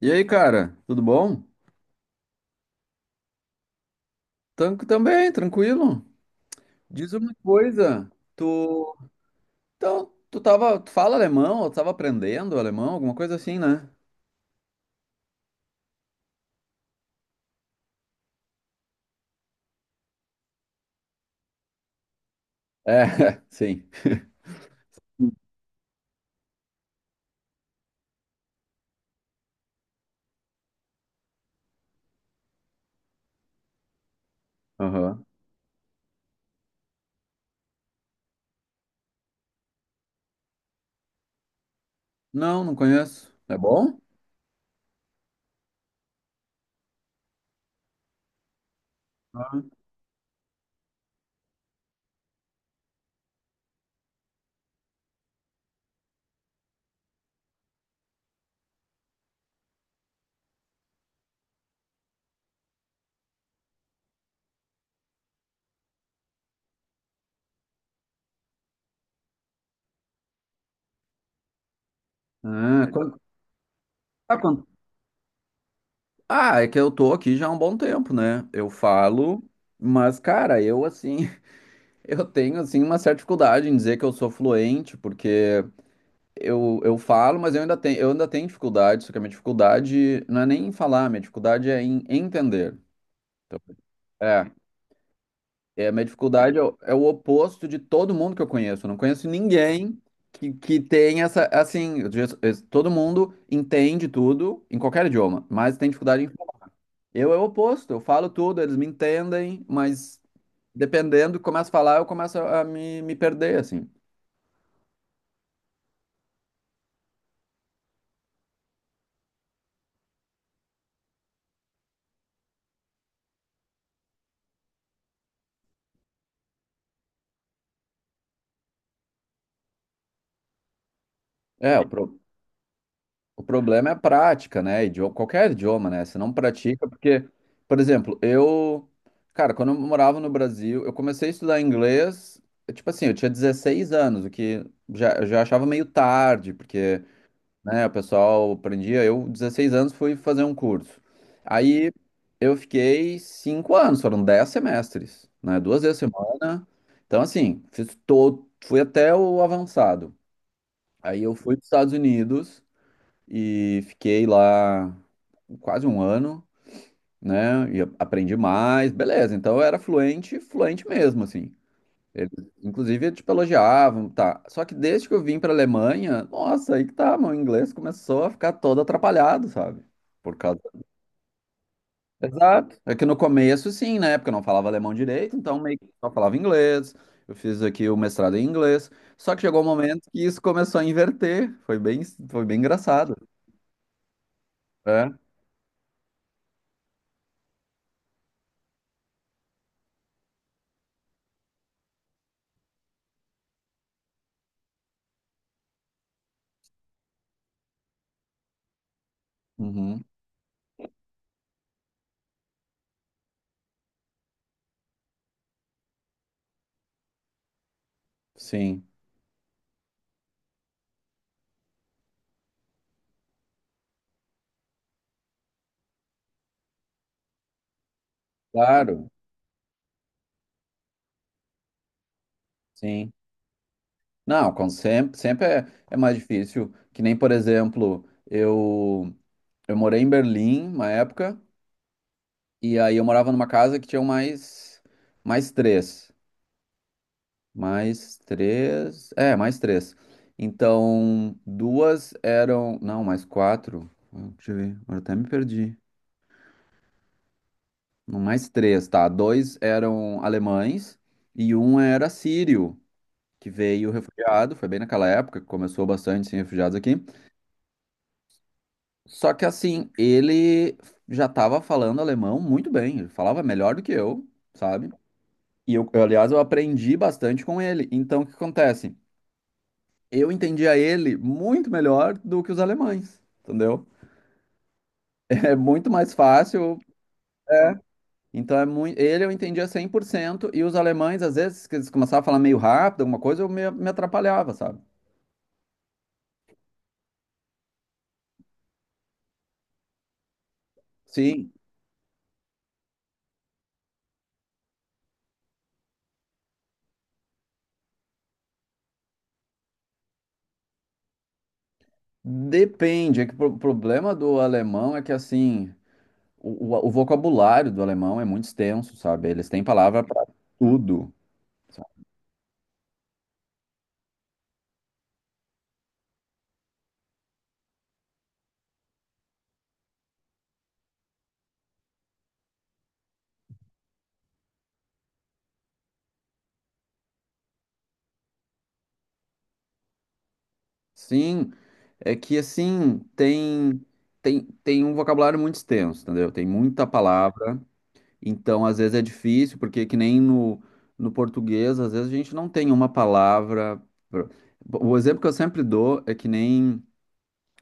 E aí, cara, tudo bom? Também, tranquilo. Diz uma coisa, tu... Então, Tu fala alemão, ou tu tava aprendendo alemão, alguma coisa assim, né? É, sim. Aham. Não, não conheço. É bom? Ah, quan- ah, quan- ah, é que eu tô aqui já há um bom tempo, né? Eu falo, mas, cara, eu, assim, eu tenho, assim, uma certa dificuldade em dizer que eu sou fluente, porque... Eu falo, mas eu ainda tenho dificuldade, só que a minha dificuldade não é nem em falar, a minha dificuldade é em entender. Então, é, é, a minha dificuldade é, o é o oposto de todo mundo que eu conheço. Eu não conheço ninguém que tem essa, assim, eu digo, todo mundo entende tudo em qualquer idioma, mas tem dificuldade em falar. Eu é o oposto, eu falo tudo, eles me entendem, mas dependendo, começo a falar, eu começo a me perder, assim. É, o pro- O problema é a prática, né? Idioma, qualquer idioma, né? Você não pratica, porque, por exemplo, eu, cara, quando eu morava no Brasil, eu comecei a estudar inglês, tipo assim, eu tinha 16 anos, o que já, eu já achava meio tarde, porque, né, o pessoal aprendia. Eu, 16 anos, fui fazer um curso. Aí eu fiquei 5 anos, foram 10 semestres, né? Duas vezes a semana. Então, assim, fiz todo, fui até o avançado. Aí eu fui para os Estados Unidos e fiquei lá quase um ano, né? E aprendi mais, beleza. Então eu era fluente, fluente mesmo, assim. Eles, inclusive, tipo, elogiavam, tá? Só que desde que eu vim pra Alemanha, nossa, aí que tá, meu inglês começou a ficar todo atrapalhado, sabe? Por causa. Exato. É que no começo, sim, né? Porque eu não falava alemão direito, então meio que só falava inglês. Eu fiz aqui o mestrado em inglês. Só que chegou um momento que isso começou a inverter. Foi bem engraçado. É. Uhum. Sim. Claro, sim. Não, com sempre, sempre é, é mais difícil. Que nem, por exemplo, eu, eu morei em Berlim uma época, e aí eu morava numa casa que tinha mais três. Mais três. É, mais três. Então, duas eram. Não, mais quatro. Deixa eu ver, agora até me perdi. Não, mais três, tá? Dois eram alemães e um era sírio, que veio refugiado. Foi bem naquela época que começou bastante sem refugiados aqui. Só que assim, ele já estava falando alemão muito bem, ele falava melhor do que eu, sabe? E aliás, eu aprendi bastante com ele. Então, o que acontece? Eu entendia ele muito melhor do que os alemães, entendeu? É muito mais fácil. É. Então, é muito, ele eu entendia 100% e os alemães, às vezes, que eles começavam a falar meio rápido, alguma coisa, eu me atrapalhava, sabe? Sim, depende. Problema do alemão é que, assim, o vocabulário do alemão é muito extenso, sabe? Eles têm palavra para tudo. Sabe? Sim, é que assim, tem um vocabulário muito extenso, entendeu? Tem muita palavra, então às vezes é difícil, porque que nem no, no português, às vezes a gente não tem uma palavra. pra- O exemplo que eu sempre dou é que nem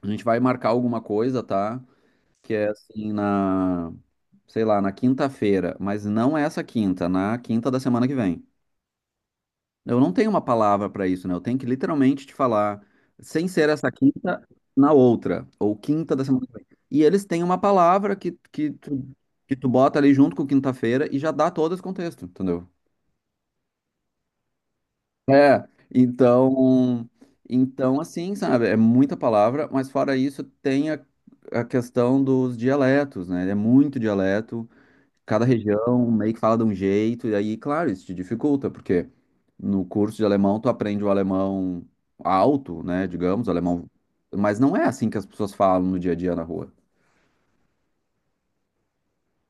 a gente vai marcar alguma coisa, tá? Que é assim, sei lá, na quinta-feira, mas não é essa quinta, na quinta da semana que vem. Eu não tenho uma palavra para isso, né? Eu tenho que literalmente te falar, sem ser essa quinta, na outra, ou quinta da semana que vem. E eles têm uma palavra que tu bota ali junto com quinta-feira e já dá todo esse contexto, entendeu? É, então, então assim, sabe? É muita palavra, mas fora isso, tem a questão dos dialetos, né? É muito dialeto cada região meio que fala de um jeito, e aí, claro, isso te dificulta, porque no curso de alemão tu aprende o alemão alto, né, digamos, o alemão, mas não é assim que as pessoas falam no dia a dia na rua.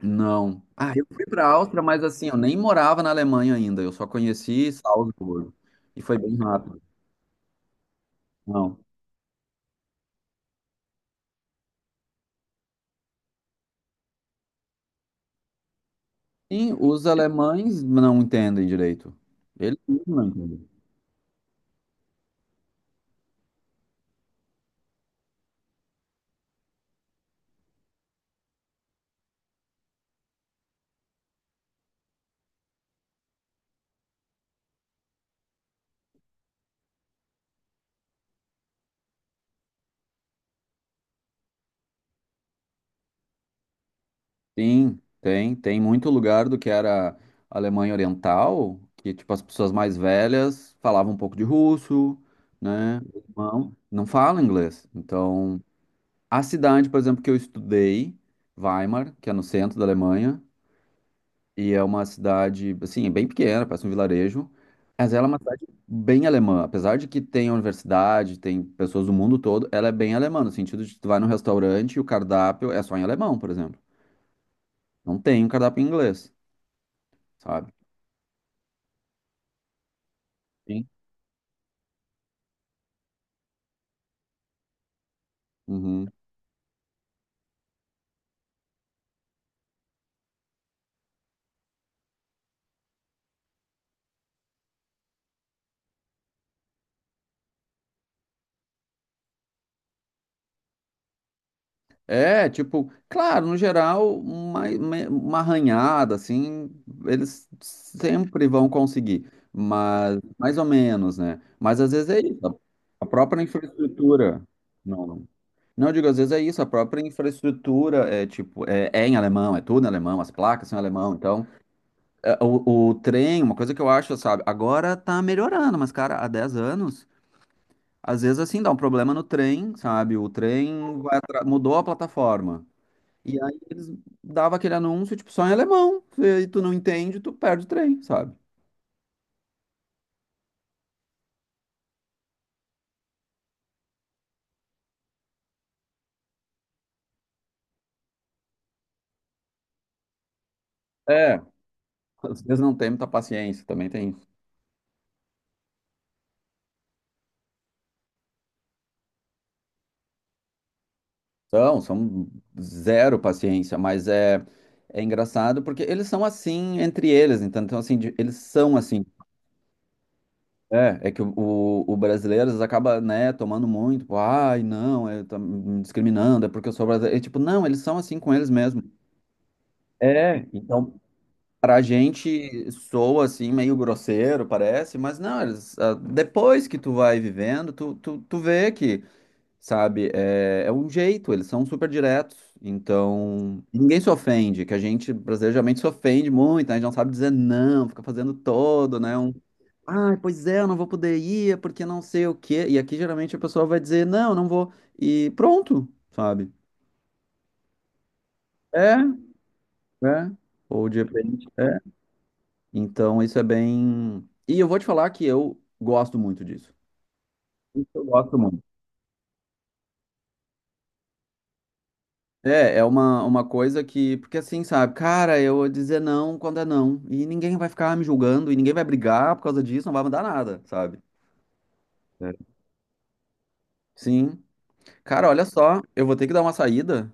Não. Ah, eu fui pra Áustria, mas assim, eu nem morava na Alemanha ainda, eu só conheci Salzburgo, e foi bem rápido. Não. Sim, os alemães não entendem direito. Eles não entendem. Sim, tem muito lugar do que era Alemanha Oriental, que tipo as pessoas mais velhas falavam um pouco de russo, né? Alemão, não falam inglês. Então, a cidade, por exemplo, que eu estudei, Weimar, que é no centro da Alemanha, e é uma cidade, assim, é bem pequena, parece um vilarejo, mas ela é uma cidade bem alemã, apesar de que tem a universidade, tem pessoas do mundo todo, ela é bem alemã, no sentido de que tu vai num restaurante e o cardápio é só em alemão, por exemplo. Não tem um cardápio em inglês. Sabe? Sim. Uhum. É, tipo, claro, no geral, uma arranhada, assim, eles sempre vão conseguir, mas mais ou menos, né? Mas às vezes é isso, a própria infraestrutura. Não, não. Não, eu digo, às vezes é isso, a própria infraestrutura é tipo, é em alemão, é tudo em alemão, as placas são em alemão, então, o trem, uma coisa que eu acho, sabe, agora tá melhorando, mas, cara, há 10 anos. Às vezes, assim, dá um problema no trem, sabe? O trem vai mudou a plataforma. E aí eles davam aquele anúncio, tipo, só em alemão. E tu não entende, tu perde o trem, sabe? É, às vezes não tem muita paciência, também tem isso. São, são zero paciência, mas é engraçado porque eles são assim entre eles, então, então assim, eles são assim. É, é que o brasileiro às vezes acaba, né, tomando muito, tipo, ai, não, é, tá me discriminando, é porque eu sou brasileiro. E, tipo, não, eles são assim com eles mesmos. É, então pra gente soa assim meio grosseiro, parece, mas não, eles, ah, depois que tu vai vivendo, tu vê que, sabe, é um jeito, eles são super diretos, então ninguém se ofende, que a gente brasileiro geralmente se ofende muito, né, a gente não sabe dizer não, fica fazendo todo, né, um, ah, pois é, eu não vou poder ir é porque não sei o quê, e aqui geralmente a pessoa vai dizer não, não vou, e pronto, sabe, é, é, ou de repente. Então, isso é bem. E eu vou te falar que eu gosto muito disso. Isso eu gosto muito. É, é uma coisa que. Porque assim, sabe, cara, eu vou dizer não quando é não. E ninguém vai ficar me julgando, e ninguém vai brigar por causa disso, não vai mudar nada, sabe? É. Sim. Cara, olha só, eu vou ter que dar uma saída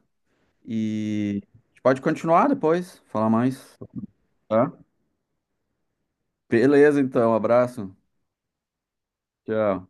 e a gente pode continuar depois, falar mais, tá? Beleza, então, um abraço. Tchau.